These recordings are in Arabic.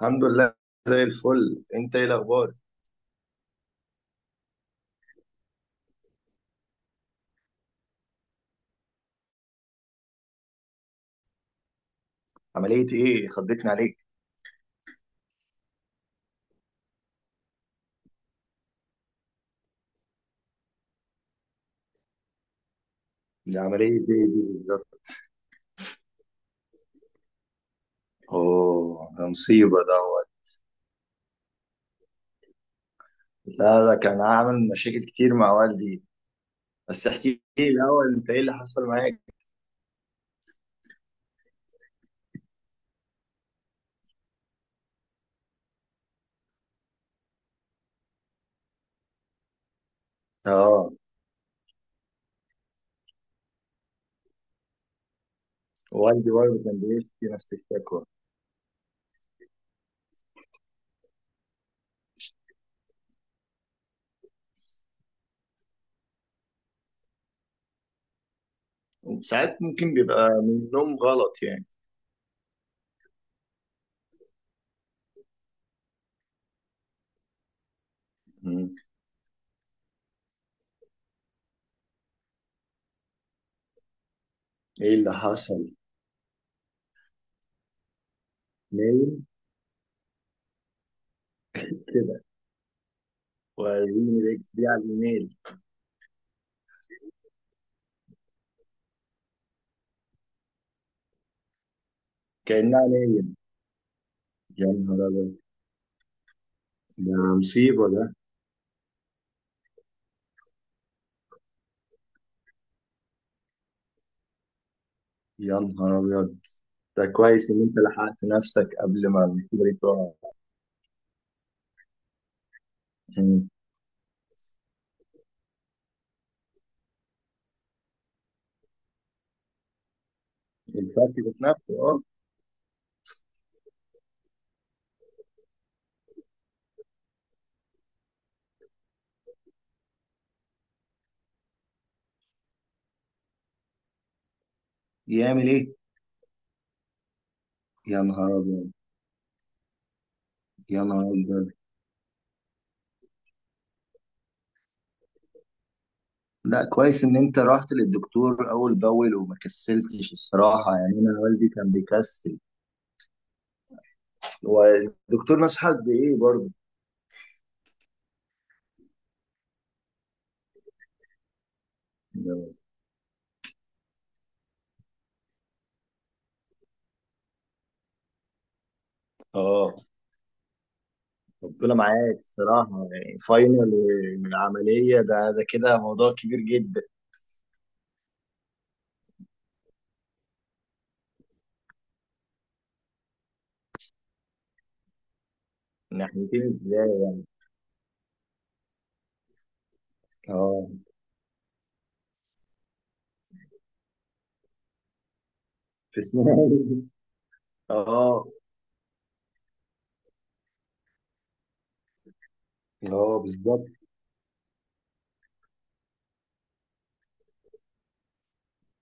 الحمد لله. زي الفل، انت ايه الاخبار؟ عمليه ايه خضتني عليك؟ دي عمليه ايه دي بالظبط؟ اوه، ده مصيبه دوت. لا، ده كان عامل مشاكل كتير مع والدي. بس احكي لي الاول، انت ايه اللي حصل معاك؟ اه. والدي برضه كان بيشتكي نفس الشكوى. وساعات ممكن بيبقى من النوم غلط يعني. مم. ايه اللي حصل؟ نايم كده. وريني الاكس دي على الايميل. كانها نايم. يا نهار ابيض. ده مصيبه ده. يا نهار أبيض. ده كويس إن أنت لحقت نفسك قبل ما الكوبري يقع. مم. الفرق ذات نفسه أه. يعمل إيه؟ يا نهار أبيض. يا نهار أبيض. لا، كويس إن أنت رحت للدكتور أول بأول وما كسلتش الصراحة، يعني أنا والدي كان بيكسل. والدكتور نصحك بإيه برضه؟ اه. ربنا معاك الصراحة، يعني فاينل. من العملية ده كده موضوع كبير جدا. ناحيتين ازاي يعني؟ اه. في سنين. اه. اه بالظبط.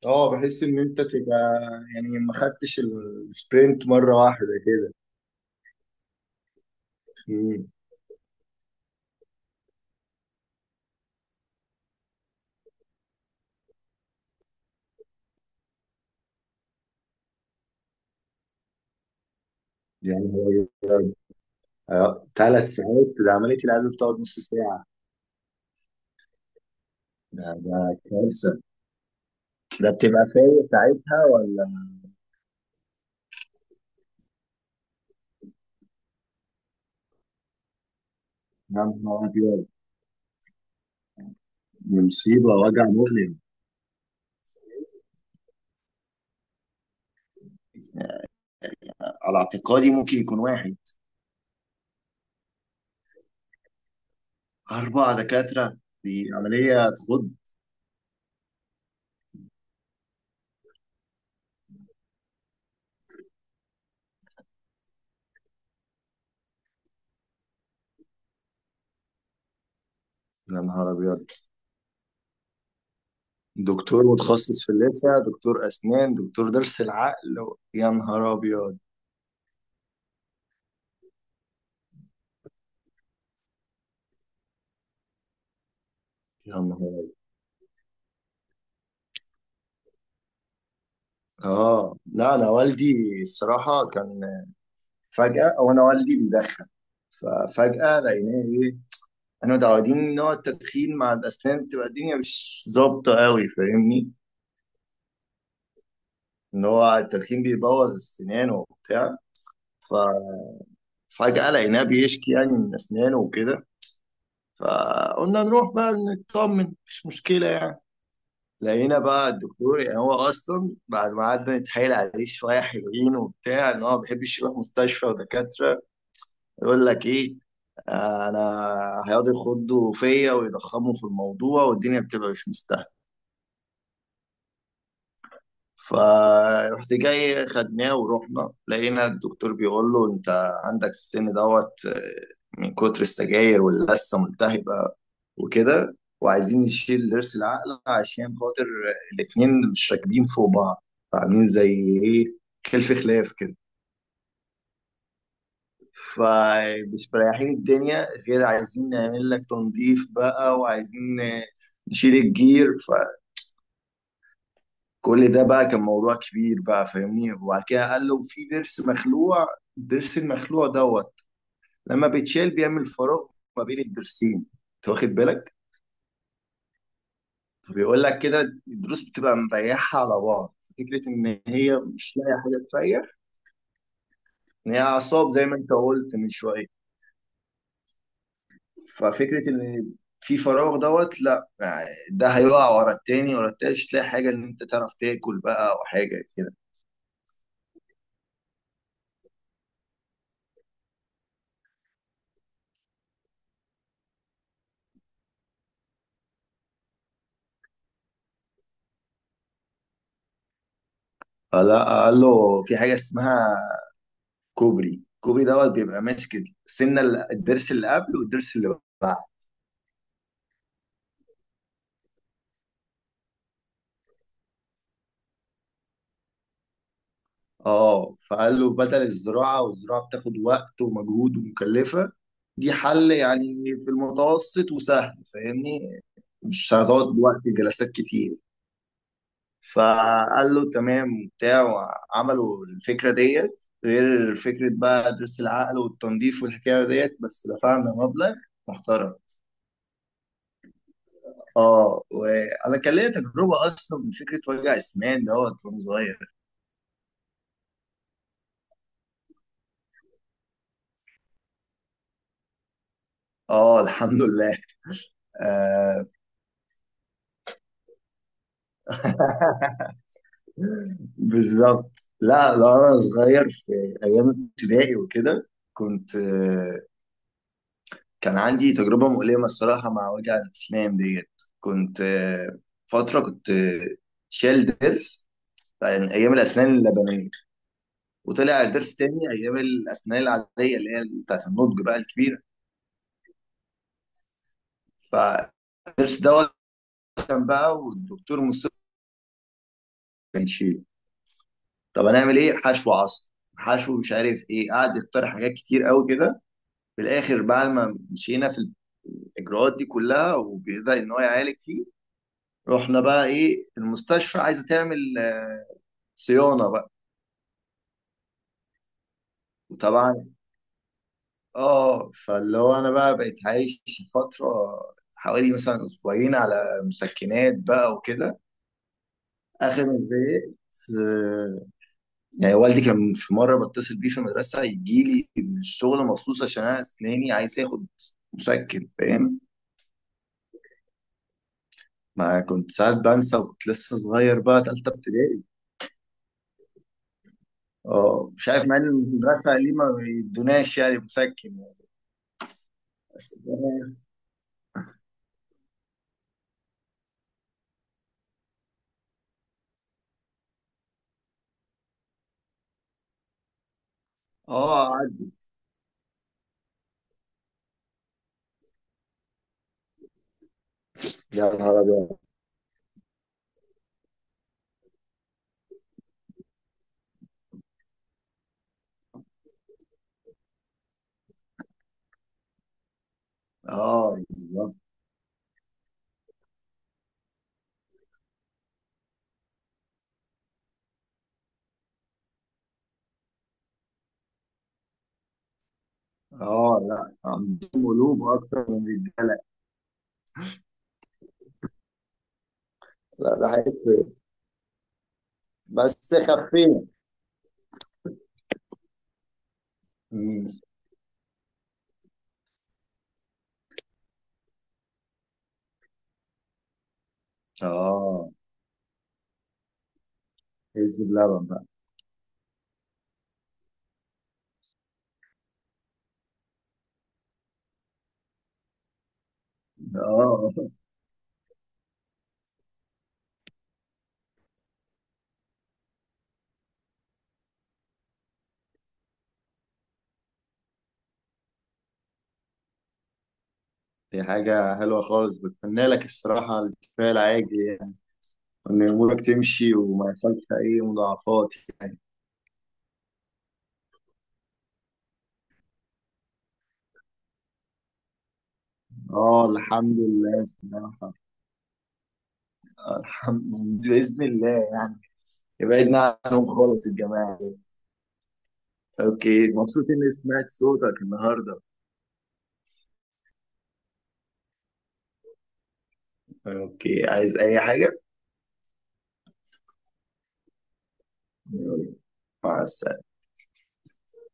اه بحس ان انت تبقى، يعني ما خدتش السبرنت مره واحده كده. مم. يعني هو 3 ساعات؟ ده عمليه القلب بتقعد نص ساعه. ده كارثه. ده بتبقى فايق ساعتها ولا؟ يا نهار ابيض. دي مصيبه، وجع مؤلم. على اعتقادي ممكن يكون واحد. 4 دكاتره؟ دي عمليه تخض. يا نهار ابيض. دكتور متخصص في اللثه، دكتور اسنان، دكتور ضرس العقل. يا نهار ابيض. يا نهار. اه، لا انا والدي الصراحه كان، فجاه، او انا والدي بيدخن. ففجاه لقيناه ايه؟ احنا متعودين ان هو التدخين مع الاسنان بتبقى الدنيا مش ظابطه قوي، فاهمني؟ ان هو التدخين بيبوظ السنان وبتاع. ففجاه لقيناه بيشكي يعني من اسنانه وكده. فقلنا نروح بقى نطمن مش مشكله يعني. لقينا بقى الدكتور، يعني هو اصلا بعد ما قعدنا نتحايل عليه شويه حلوين وبتاع ان هو ما بيحبش يروح مستشفى ودكاتره. يقول لك ايه؟ انا هيقعدوا يخضوا فيا ويضخموا في الموضوع والدنيا بتبقى مش مستاهله. فرحت جاي خدناه ورحنا لقينا الدكتور بيقول له: انت عندك السن دوت من كتر السجاير واللثه ملتهبه وكده، وعايزين نشيل ضرس العقل عشان خاطر الاتنين مش راكبين فوق بعض، فعاملين زي ايه كلف خلاف كده. فمش مريحين الدنيا، غير عايزين نعمل لك تنظيف بقى وعايزين نشيل الجير. فكل ده بقى كان موضوع كبير بقى فاهمني. وبعد كده قال له في ضرس مخلوع. الضرس المخلوع دوت لما بيتشال بيعمل فراغ ما بين الضرسين، انت واخد بالك؟ فبيقول لك كده الضروس بتبقى مريحة على بعض، فكرة إن هي مش لاقية حاجة تريح، إن هي أعصاب زي ما أنت قلت من شوية. ففكرة إن في فراغ دوت، لا يعني ده هيقع ورا التاني ورا التالت، مش تلاقي حاجة إن أنت تعرف تاكل بقى أو حاجة كده. فلا، قال له في حاجة اسمها كوبري. الكوبري دوت بيبقى ماسك السنة الضرس اللي قبل والضرس اللي بعد. اه. فقال له بدل الزراعة، والزراعة بتاخد وقت ومجهود ومكلفة. دي حل يعني في المتوسط وسهل فاهمني. مش هتقعد وقت جلسات كتير. فقال له تمام وبتاع، وعملوا الفكرة ديت غير فكرة بقى درس العقل والتنظيف والحكاية ديت، بس دفعنا مبلغ محترم. اه، وانا كان ليا تجربة اصلا من فكرة وجع اسنان دوت وانا صغير. اه الحمد لله. آه. بالظبط. لا لا، انا صغير في ايام ابتدائي وكده. كنت. كان عندي تجربة مؤلمة الصراحة مع وجع الأسنان ديت. كنت فترة كنت شايل ضرس عن أيام الأسنان اللبنية. وطلع الضرس تاني أيام الأسنان العادية اللي هي بتاعت النضج بقى الكبيرة. فالضرس دوت كان بقى والدكتور مصطفى كان يشيله. طب هنعمل إيه؟ حشو عصب، حشو مش عارف إيه، قعد يقترح حاجات كتير قوي كده. في الآخر بعد ما مشينا في الإجراءات دي كلها وبدأ إن هو يعالج فيه، رحنا بقى إيه المستشفى عايزة تعمل صيانة بقى. وطبعا اه، فاللي هو انا بقى بقيت عايش فترة حوالي مثلا اسبوعين على مسكنات بقى وكده. اخر ما زهقت آه، يعني والدي كان في مرة بتصل بيه في المدرسة يجي لي من الشغل مخصوص عشان انا اسناني عايز اخد مسكن، فاهم. ما كنت ساعات بنسى وكنت لسه صغير بقى تالتة ابتدائي. اه، مش عارف مع ان المدرسة ليه ما بيدوناش يعني مسكن. بس. اه قعد. يا نهار ابيض. اه اه. لا، عندهم قلوب اكتر من الرجاله. لا ده حقيقي. بس خفينا. مم. اه. عز بلبن بقى. اه. دي حاجة حلوة خالص، بتمنى لك الصراحة الكفاية العاجل يعني. وإن أمورك تمشي وما يحصلش أي مضاعفات يعني. اه الحمد لله الصراحة. الحمد. بإذن الله يعني. ابعدنا عنهم خالص الجماعة دول. اوكي، مبسوط إني سمعت صوتك النهاردة. اوكي، عايز أي حاجة؟ يلا، مع السلامة.